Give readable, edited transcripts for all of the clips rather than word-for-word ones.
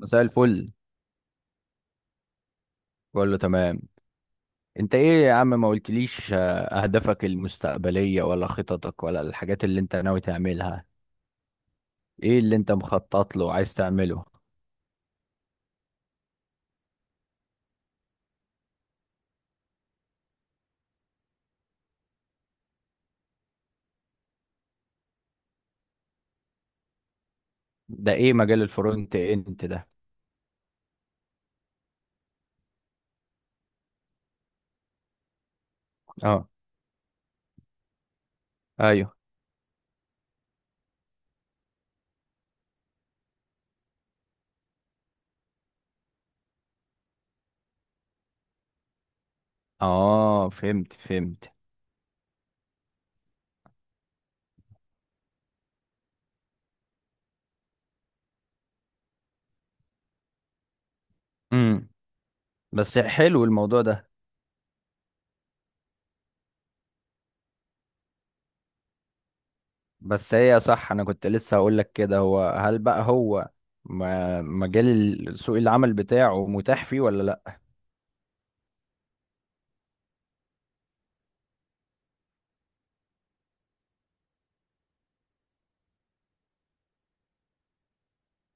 مساء الفل. كله تمام. انت ايه يا عم؟ ما قلتليش، اهدافك المستقبلية ولا خططك ولا الحاجات اللي انت ناوي تعملها؟ ايه اللي انت مخطط له وعايز تعمله؟ ده ايه مجال الفرونت اند ده؟ اه. ايوه. اه، فهمت فهمت. امم بس حلو الموضوع ده. بس هي صح، انا كنت لسه هقول لك كده، هل بقى مجال سوق العمل بتاعه متاح فيه ولا لا؟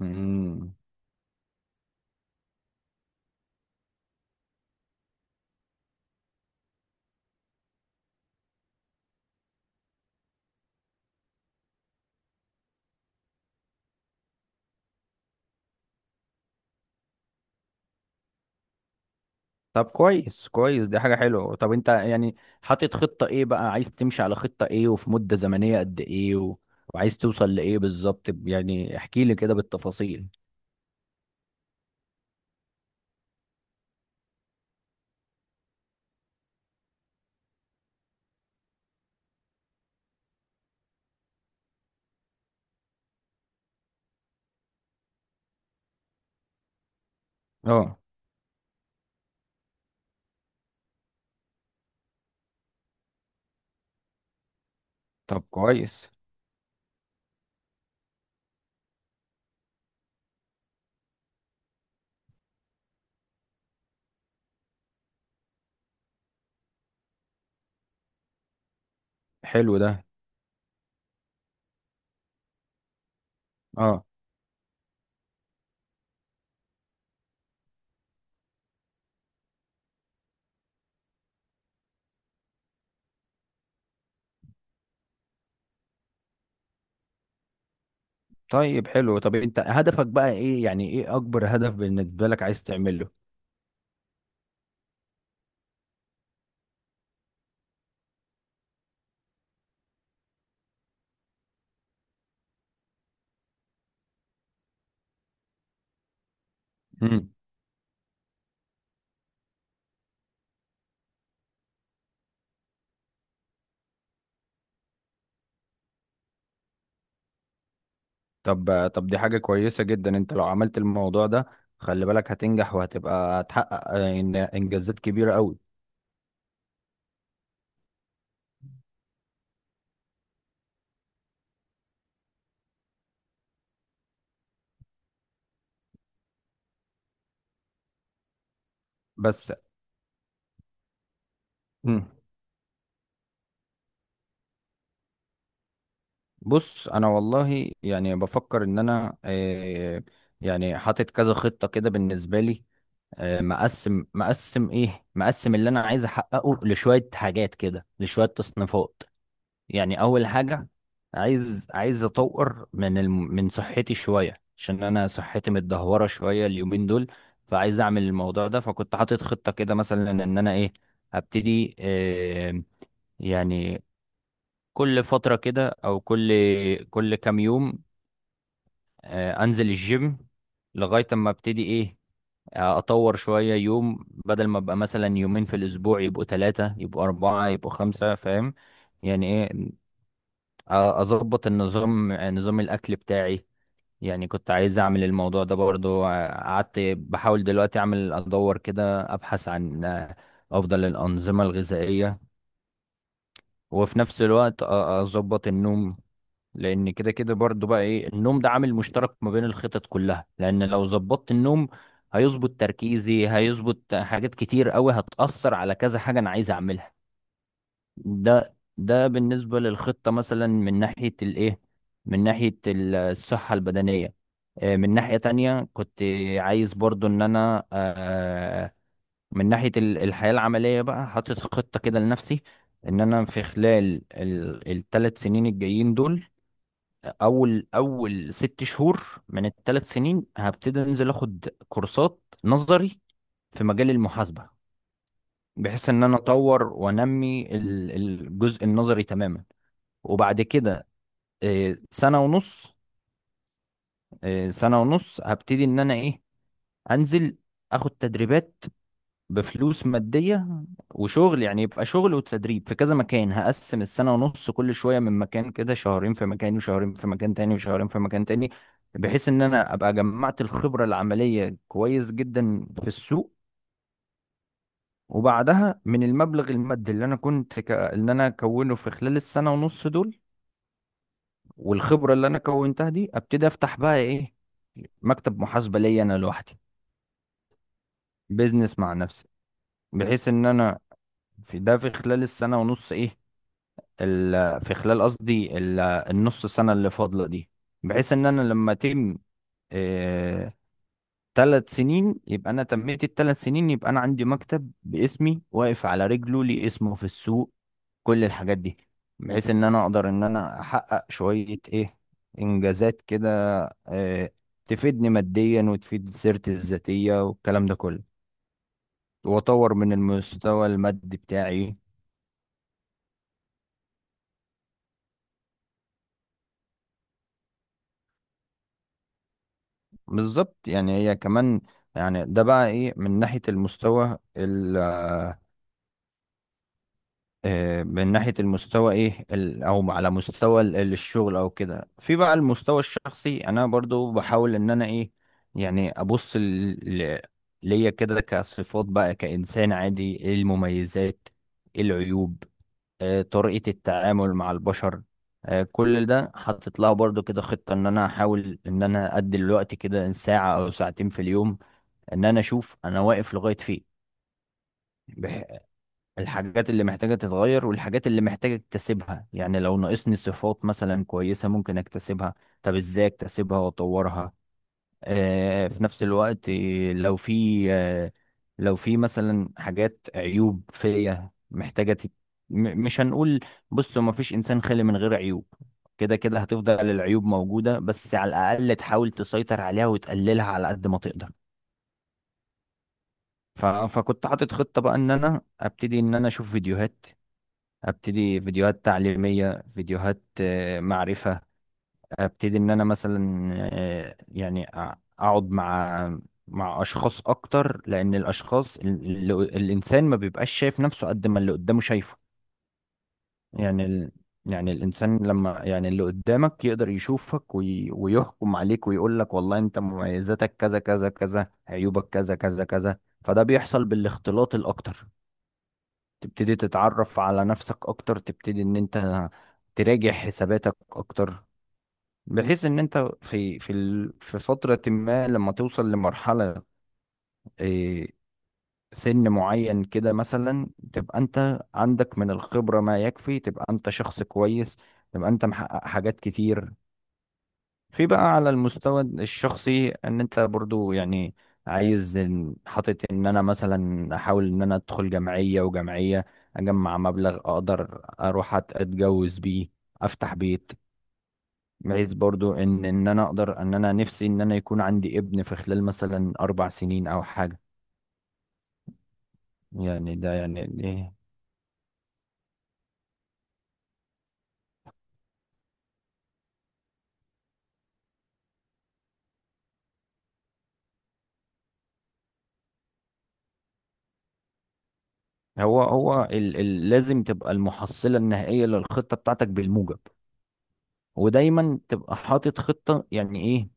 امم طب كويس كويس، دي حاجة حلوة. طب انت يعني حاطط خطة ايه بقى، عايز تمشي على خطة ايه، وفي مدة زمنية قد ايه وعايز توصل لإيه بالظبط؟ يعني احكي لي كده بالتفاصيل. اه. طب كويس. حلو ده. اه. طيب حلو. طب انت هدفك بقى ايه؟ يعني ايه اكبر هدف بالنسبة لك عايز تعمله؟ امم طب دي حاجة كويسة جدا، انت لو عملت الموضوع ده خلي بالك هتنجح، وهتبقى هتحقق انجازات كبيرة قوي. بس. مم. بص، انا والله يعني بفكر ان انا، يعني حاطط كذا خطه كده بالنسبه لي. مقسم اللي انا عايز احققه لشويه حاجات كده، لشويه تصنيفات. يعني اول حاجه، عايز اطور من من صحتي شويه، عشان انا صحتي متدهوره شويه اليومين دول. فعايز اعمل الموضوع ده. فكنت حاطط خطه كده مثلا ان انا ايه، ابتدي يعني كل فترة كده، أو كل كام يوم انزل الجيم، لغايه اما ابتدي ايه، اطور شويه يوم، بدل ما ابقى مثلا يومين في الاسبوع يبقوا ثلاثه يبقوا اربعه يبقوا خمسه. فاهم يعني ايه؟ اظبط النظام، نظام الاكل بتاعي. يعني كنت عايز اعمل الموضوع ده برضو. قعدت بحاول دلوقتي اعمل، ادور كده، ابحث عن افضل الانظمه الغذائيه. وفي نفس الوقت اظبط النوم، لان كده كده برضو بقى ايه، النوم ده عامل مشترك ما بين الخطط كلها، لان لو ظبطت النوم هيظبط تركيزي، هيظبط حاجات كتير قوي هتأثر على كذا حاجة انا عايز اعملها. ده ده بالنسبة للخطة مثلا من ناحية الايه، من ناحية الصحة البدنية. من ناحية تانية كنت عايز برضو ان انا، من ناحية الحياة العملية بقى، حاطط خطة كده لنفسي، ان انا في خلال ال3 سنين الجايين دول، اول 6 شهور من ال3 سنين هبتدي انزل اخد كورسات نظري في مجال المحاسبه، بحيث ان انا اطور وانمي الجزء النظري تماما. وبعد كده آه، سنه ونص سنه ونص هبتدي ان انا ايه، انزل اخد تدريبات بفلوس مادية وشغل، يعني يبقى شغل وتدريب في كذا مكان. هقسم السنة ونص كل شوية من مكان كده، شهرين في مكان وشهرين في مكان تاني وشهرين في مكان تاني، بحيث ان انا ابقى جمعت الخبرة العملية كويس جدا في السوق. وبعدها من المبلغ المادي اللي انا كونه في خلال السنة ونص دول، والخبرة اللي انا كونتها دي، ابتدي افتح بقى ايه، مكتب محاسبة ليا انا لوحدي. بيزنس مع نفسي، بحيث ان انا في خلال السنة ونص ايه، في خلال قصدي النص سنة اللي فاضلة دي، بحيث ان انا لما اتم 3 سنين يبقى انا تميت ال3 سنين يبقى انا عندي مكتب باسمي واقف على رجله، ليه اسمه في السوق، كل الحاجات دي، بحيث ان انا اقدر ان انا احقق شوية ايه، انجازات كده آه، تفيدني ماديا وتفيد سيرتي الذاتية والكلام ده كله، واطور من المستوى المادي بتاعي. بالظبط، يعني هي كمان، يعني ده بقى ايه من ناحية المستوى من ناحية المستوى ايه، ال او على مستوى الشغل او كده. في بقى المستوى الشخصي انا برضو بحاول ان انا ايه، يعني ابص ليا كده كصفات بقى كإنسان عادي، ايه المميزات، ايه العيوب، طريقة التعامل مع البشر. كل ده حاطط لها برضو كده خطة، ان انا احاول ان انا ادي الوقت كده ساعة او ساعتين في اليوم، ان انا اشوف انا واقف لغايه فين، بح- الحاجات اللي محتاجه تتغير، والحاجات اللي محتاجه اكتسبها. يعني لو ناقصني صفات مثلا كويسه ممكن اكتسبها، طب ازاي اكتسبها واطورها. آه في نفس الوقت، لو في مثلا حاجات عيوب فيا محتاجه مش هنقول، بصوا ما فيش انسان خالي من غير عيوب. كده كده هتفضل العيوب موجودة، بس على الأقل تحاول تسيطر عليها وتقللها على قد ما تقدر. فكنت حاطط خطة بقى ان انا ابتدي ان انا اشوف فيديوهات، ابتدي فيديوهات تعليمية، فيديوهات معرفة. ابتدي ان انا مثلا يعني اقعد مع اشخاص اكتر، لان الاشخاص الانسان ما بيبقاش شايف نفسه قد ما اللي قدامه شايفه. يعني ال... يعني الانسان لما يعني اللي قدامك يقدر يشوفك ويحكم عليك ويقول لك والله انت مميزاتك كذا كذا كذا، عيوبك كذا كذا كذا. فده بيحصل بالاختلاط الاكتر، تبتدي تتعرف على نفسك اكتر، تبتدي ان انت تراجع حساباتك اكتر، بحيث ان انت في في في فترة ما لما توصل لمرحلة إيه، سن معين كده مثلا، تبقى انت عندك من الخبرة ما يكفي، تبقى انت شخص كويس، تبقى انت محقق حاجات كتير. في بقى على المستوى الشخصي ان انت برضو يعني عايز حاطط ان انا مثلا احاول ان انا ادخل جمعية وجمعية، اجمع مبلغ اقدر اروح اتجوز بيه، افتح بيت، بحيث برضو ان انا اقدر، ان انا نفسي ان انا يكون عندي ابن في خلال مثلا 4 سنين او حاجة. يعني ده يعني دي. هو ال ال لازم تبقى المحصلة النهائية للخطة بتاعتك بالموجب، ودايما تبقى حاطط خطة، يعني ايه،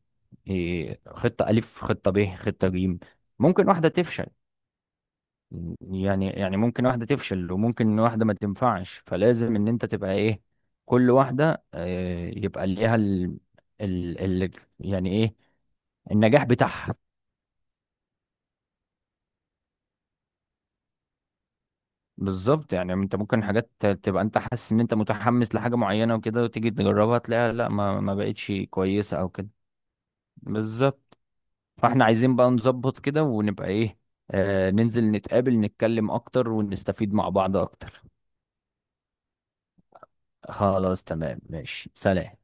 إيه، خطة ألف خطة ب خطة جيم. ممكن واحدة تفشل، يعني ممكن واحدة تفشل وممكن واحدة ما تنفعش، فلازم إن أنت تبقى إيه، كل واحدة يبقى ليها ال... ال... يعني إيه، النجاح بتاعها. بالظبط، يعني أنت ممكن حاجات تبقى أنت حاسس إن أنت متحمس لحاجة معينة وكده، وتيجي تجربها تلاقيها لا، ما بقتش كويسة أو كده. بالظبط. فاحنا عايزين بقى نظبط كده، ونبقى ايه، آه ننزل نتقابل، نتكلم اكتر ونستفيد مع بعض اكتر. خلاص تمام، ماشي، سلام.